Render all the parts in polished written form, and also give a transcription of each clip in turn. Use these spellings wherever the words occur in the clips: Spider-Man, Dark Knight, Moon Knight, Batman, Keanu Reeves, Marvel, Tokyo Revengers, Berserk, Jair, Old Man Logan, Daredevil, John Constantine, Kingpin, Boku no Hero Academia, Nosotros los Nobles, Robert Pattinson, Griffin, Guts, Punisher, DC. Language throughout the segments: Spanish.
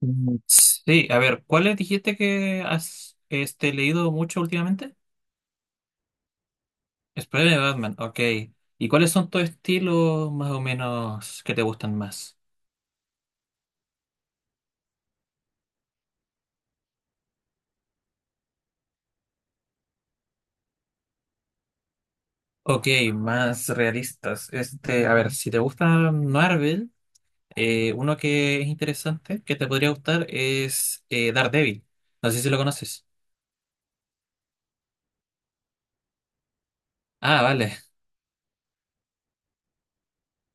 Sí, a ver, ¿cuáles dijiste que has leído mucho últimamente? Spider-Man, Batman, ok. ¿Y cuáles son tus estilos más o menos que te gustan más? Ok, más realistas. Este, a ver, si te gusta Marvel, uno que es interesante, que te podría gustar, es Daredevil. No sé si lo conoces. Ah, vale.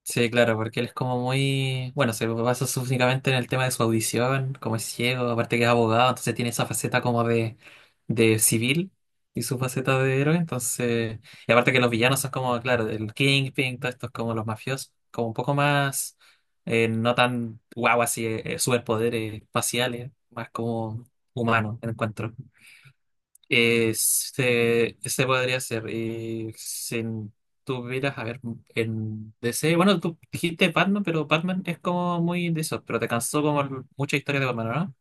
Sí, claro, porque él es como muy, bueno, se lo basa únicamente en el tema de su audición, como es ciego, aparte que es abogado, entonces tiene esa faceta como de civil y su faceta de héroe, entonces, y aparte que los villanos son como, claro, el Kingpin, todos estos como los mafiosos, como un poco más, no tan guau así, superpoderes espaciales, más como humano, encuentro. Este podría ser. Y si tuvieras, a ver, en DC. Bueno, tú dijiste Batman, pero Batman es como muy de eso. Pero te cansó como mucha historia de Batman, ¿no?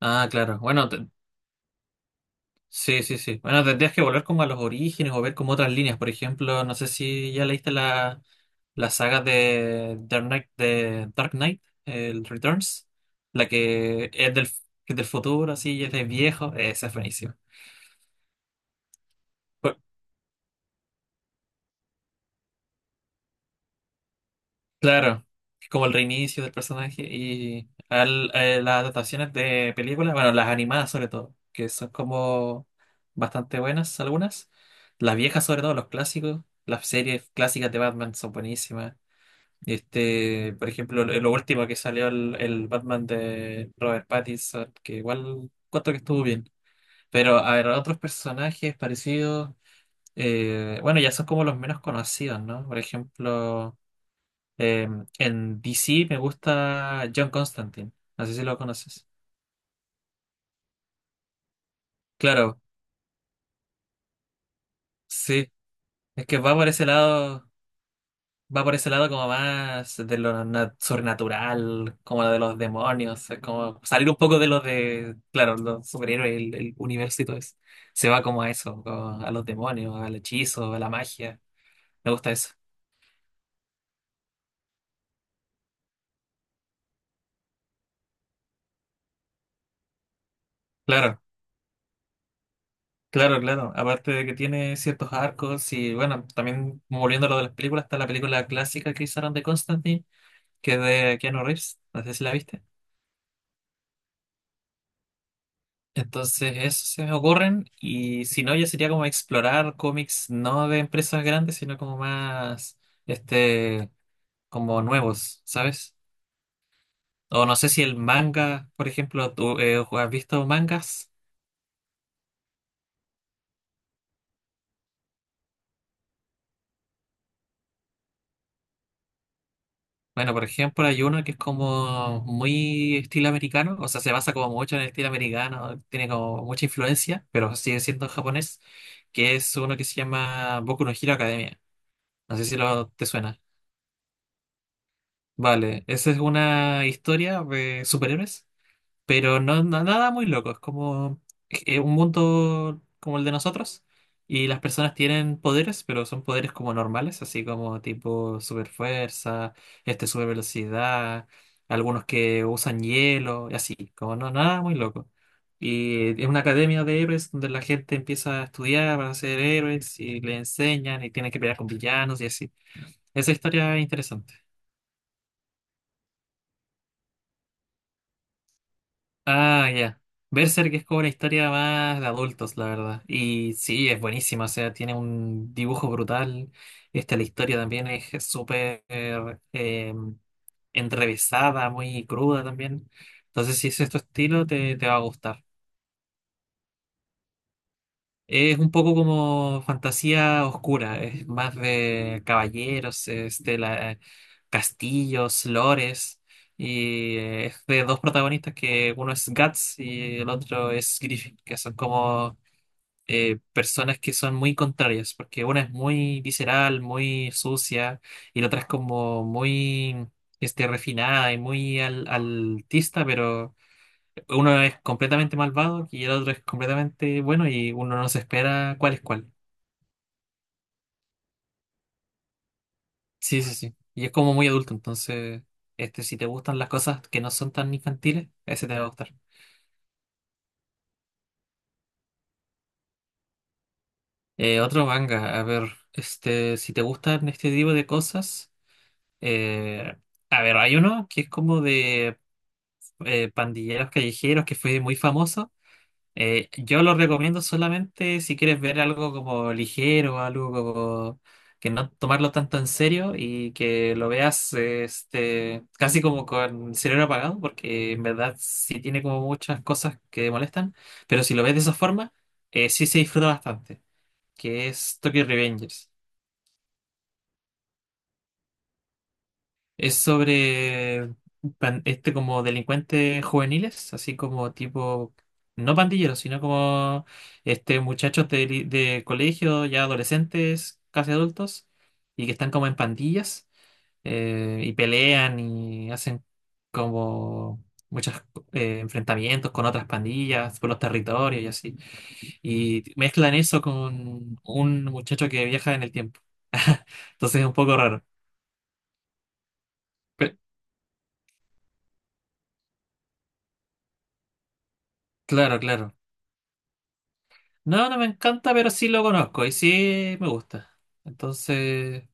Ah, claro. Bueno, sí, sí, sí. Bueno, tendrías que volver como a los orígenes o ver como otras líneas. Por ejemplo, no sé si ya leíste la saga de Dark Knight, el Returns. La que es del futuro, así, y es de viejo. Esa es buenísima. Claro, es como el reinicio del personaje y las adaptaciones de películas, bueno, las animadas sobre todo, que son como bastante buenas algunas. Las viejas sobre todo, los clásicos, las series clásicas de Batman son buenísimas. Este, por ejemplo, lo último que salió el Batman de Robert Pattinson, que igual cuento que estuvo bien. Pero a ver, otros personajes parecidos, bueno, ya son como los menos conocidos, ¿no? Por ejemplo... Eh, en DC me gusta John Constantine. No sé si lo conoces. Claro, sí. Es que va por ese lado, va por ese lado como más de lo sobrenatural, como de los demonios. Es como salir un poco de lo de, claro, los superhéroes, el universo y todo eso. Se va como a eso, como a los demonios, al hechizo, a la magia. Me gusta eso. Claro, claro, claro. Aparte de que tiene ciertos arcos y bueno, también volviendo a lo de las películas, está la película clásica que hicieron de Constantine, que es de Keanu Reeves, no sé si la viste. Entonces, eso se me ocurren y si no, ya sería como explorar cómics no de empresas grandes, sino como más, este, como nuevos, ¿sabes? O no sé si el manga, por ejemplo, ¿tú has visto mangas? Bueno, por ejemplo, hay uno que es como muy estilo americano, o sea, se basa como mucho en el estilo americano, tiene como mucha influencia, pero sigue siendo japonés, que es uno que se llama Boku no Hero Academia. No sé si lo te suena. Vale, esa es una historia de superhéroes, pero nada muy loco, es como un mundo como el de nosotros y las personas tienen poderes, pero son poderes como normales, así como tipo super fuerza, este super velocidad, algunos que usan hielo y así, como no nada muy loco. Y es una academia de héroes donde la gente empieza a estudiar para ser héroes y le enseñan y tienen que pelear con villanos y así. Esa historia es interesante. Ah, ya. Berserk es como una historia más de adultos, la verdad. Y sí, es buenísima, o sea, tiene un dibujo brutal. Esta, la historia también es súper enrevesada, muy cruda también. Entonces, si es tu estilo, te va a gustar. Es un poco como fantasía oscura, es más de caballeros, es de castillos, lores, y es de dos protagonistas que uno es Guts y el otro es Griffin, que son como personas que son muy contrarias, porque una es muy visceral, muy sucia, y la otra es como muy refinada y muy altista, uno es completamente malvado y el otro es completamente bueno y uno no se espera cuál es cuál. Sí, sí, sí. Y es como muy adulto, entonces, si te gustan las cosas que no son tan infantiles, ese te va a gustar. Otro manga, a ver, este, si te gustan este tipo de cosas, eh, a ver, hay uno que es como de pandilleros callejeros que fue muy famoso. Yo lo recomiendo solamente si quieres ver algo como ligero, algo como que no tomarlo tanto en serio y que lo veas casi como con el cerebro apagado, porque en verdad sí tiene como muchas cosas que molestan, pero si lo ves de esa forma, sí se disfruta bastante, que es Tokyo Revengers. Es sobre como delincuentes juveniles, así como tipo, no pandilleros, sino como muchachos de, de colegio, ya adolescentes, casi adultos, y que están como en pandillas, y pelean y hacen como muchos enfrentamientos con otras pandillas por los territorios y así. Y mezclan eso con un muchacho que viaja en el tiempo. Entonces es un poco raro. Pe- Claro, claro. No, no me encanta, pero sí lo conozco y sí me gusta. Entonces,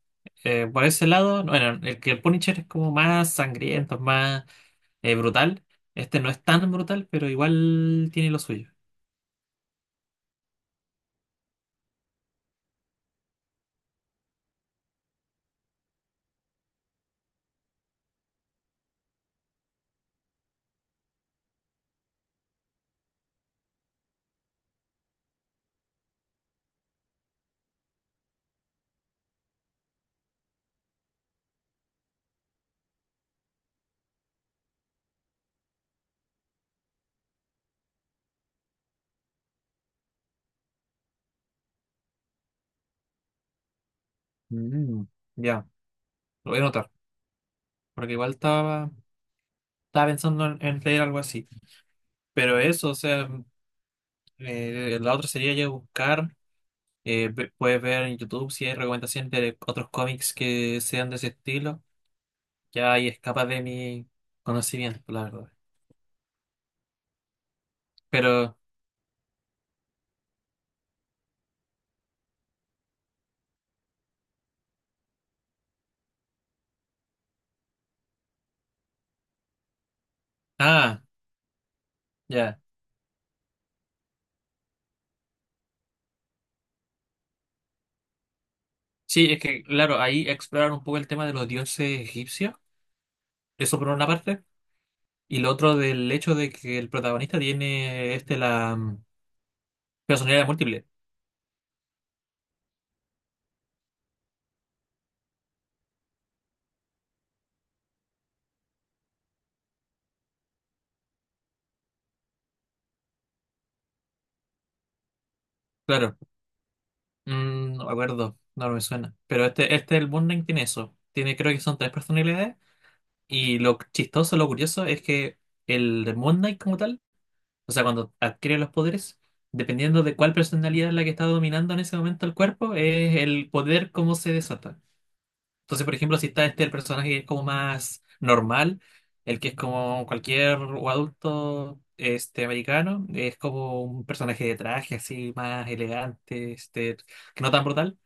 por ese lado, bueno, el Punisher es como más sangriento, más brutal. Este no es tan brutal, pero igual tiene lo suyo. Mm, Ya, lo voy a notar, porque estaba pensando en leer algo así. Pero eso, o sea, la otra sería ya buscar, puedes ver en YouTube si hay recomendaciones de otros cómics que sean de ese estilo. Ya ahí escapa de mi conocimiento, la verdad. Pero, ah, ya. Sí, es que, claro, ahí explorar un poco el tema de los dioses egipcios, eso por una parte, y lo otro del hecho de que el protagonista tiene personalidad múltiple. Claro, no me acuerdo, no me suena. Pero este el Moon Knight tiene eso. Tiene, creo que son tres personalidades, y lo chistoso, lo curioso es que el Moon Knight como tal, o sea, cuando adquiere los poderes, dependiendo de cuál personalidad es la que está dominando en ese momento el cuerpo, es el poder cómo se desata. Entonces, por ejemplo, si está el personaje que es como más normal, el que es como cualquier o adulto este americano, es como un personaje de traje así más elegante, que no tan brutal.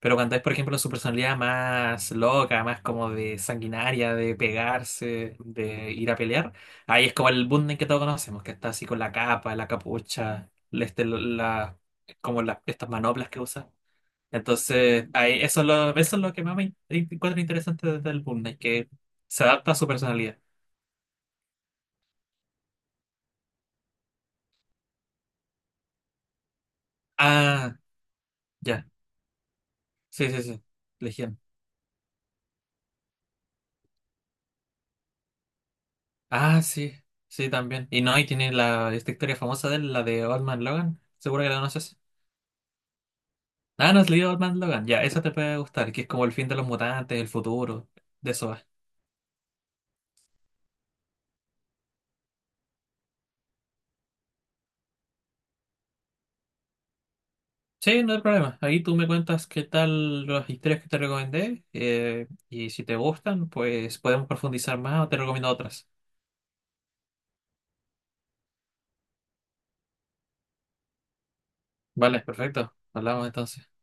Pero cuando es, por ejemplo, su personalidad más loca, más como de sanguinaria, de pegarse, de ir a pelear, ahí es como el Bunden que todos conocemos, que está así con la capa, la capucha, como las estas manoplas que usa. Entonces, ahí, eso, eso es lo que más me encuentro interesante desde el Boom Knight, que se adapta a su personalidad. Ah, ya. Sí, sí, sí. Legión. Ah, sí. Sí, también. Y no, y tiene esta historia famosa de él, la de Old Man Logan. Seguro que la conoces. Ah, no, has leído Old Man Logan. Ya, eso te puede gustar, que es como el fin de los mutantes, el futuro. De eso va. Sí, no hay problema. Ahí tú me cuentas qué tal las historias que te recomendé. Eh, y si te gustan, pues podemos profundizar más o te recomiendo otras. Vale, perfecto. Hablamos entonces.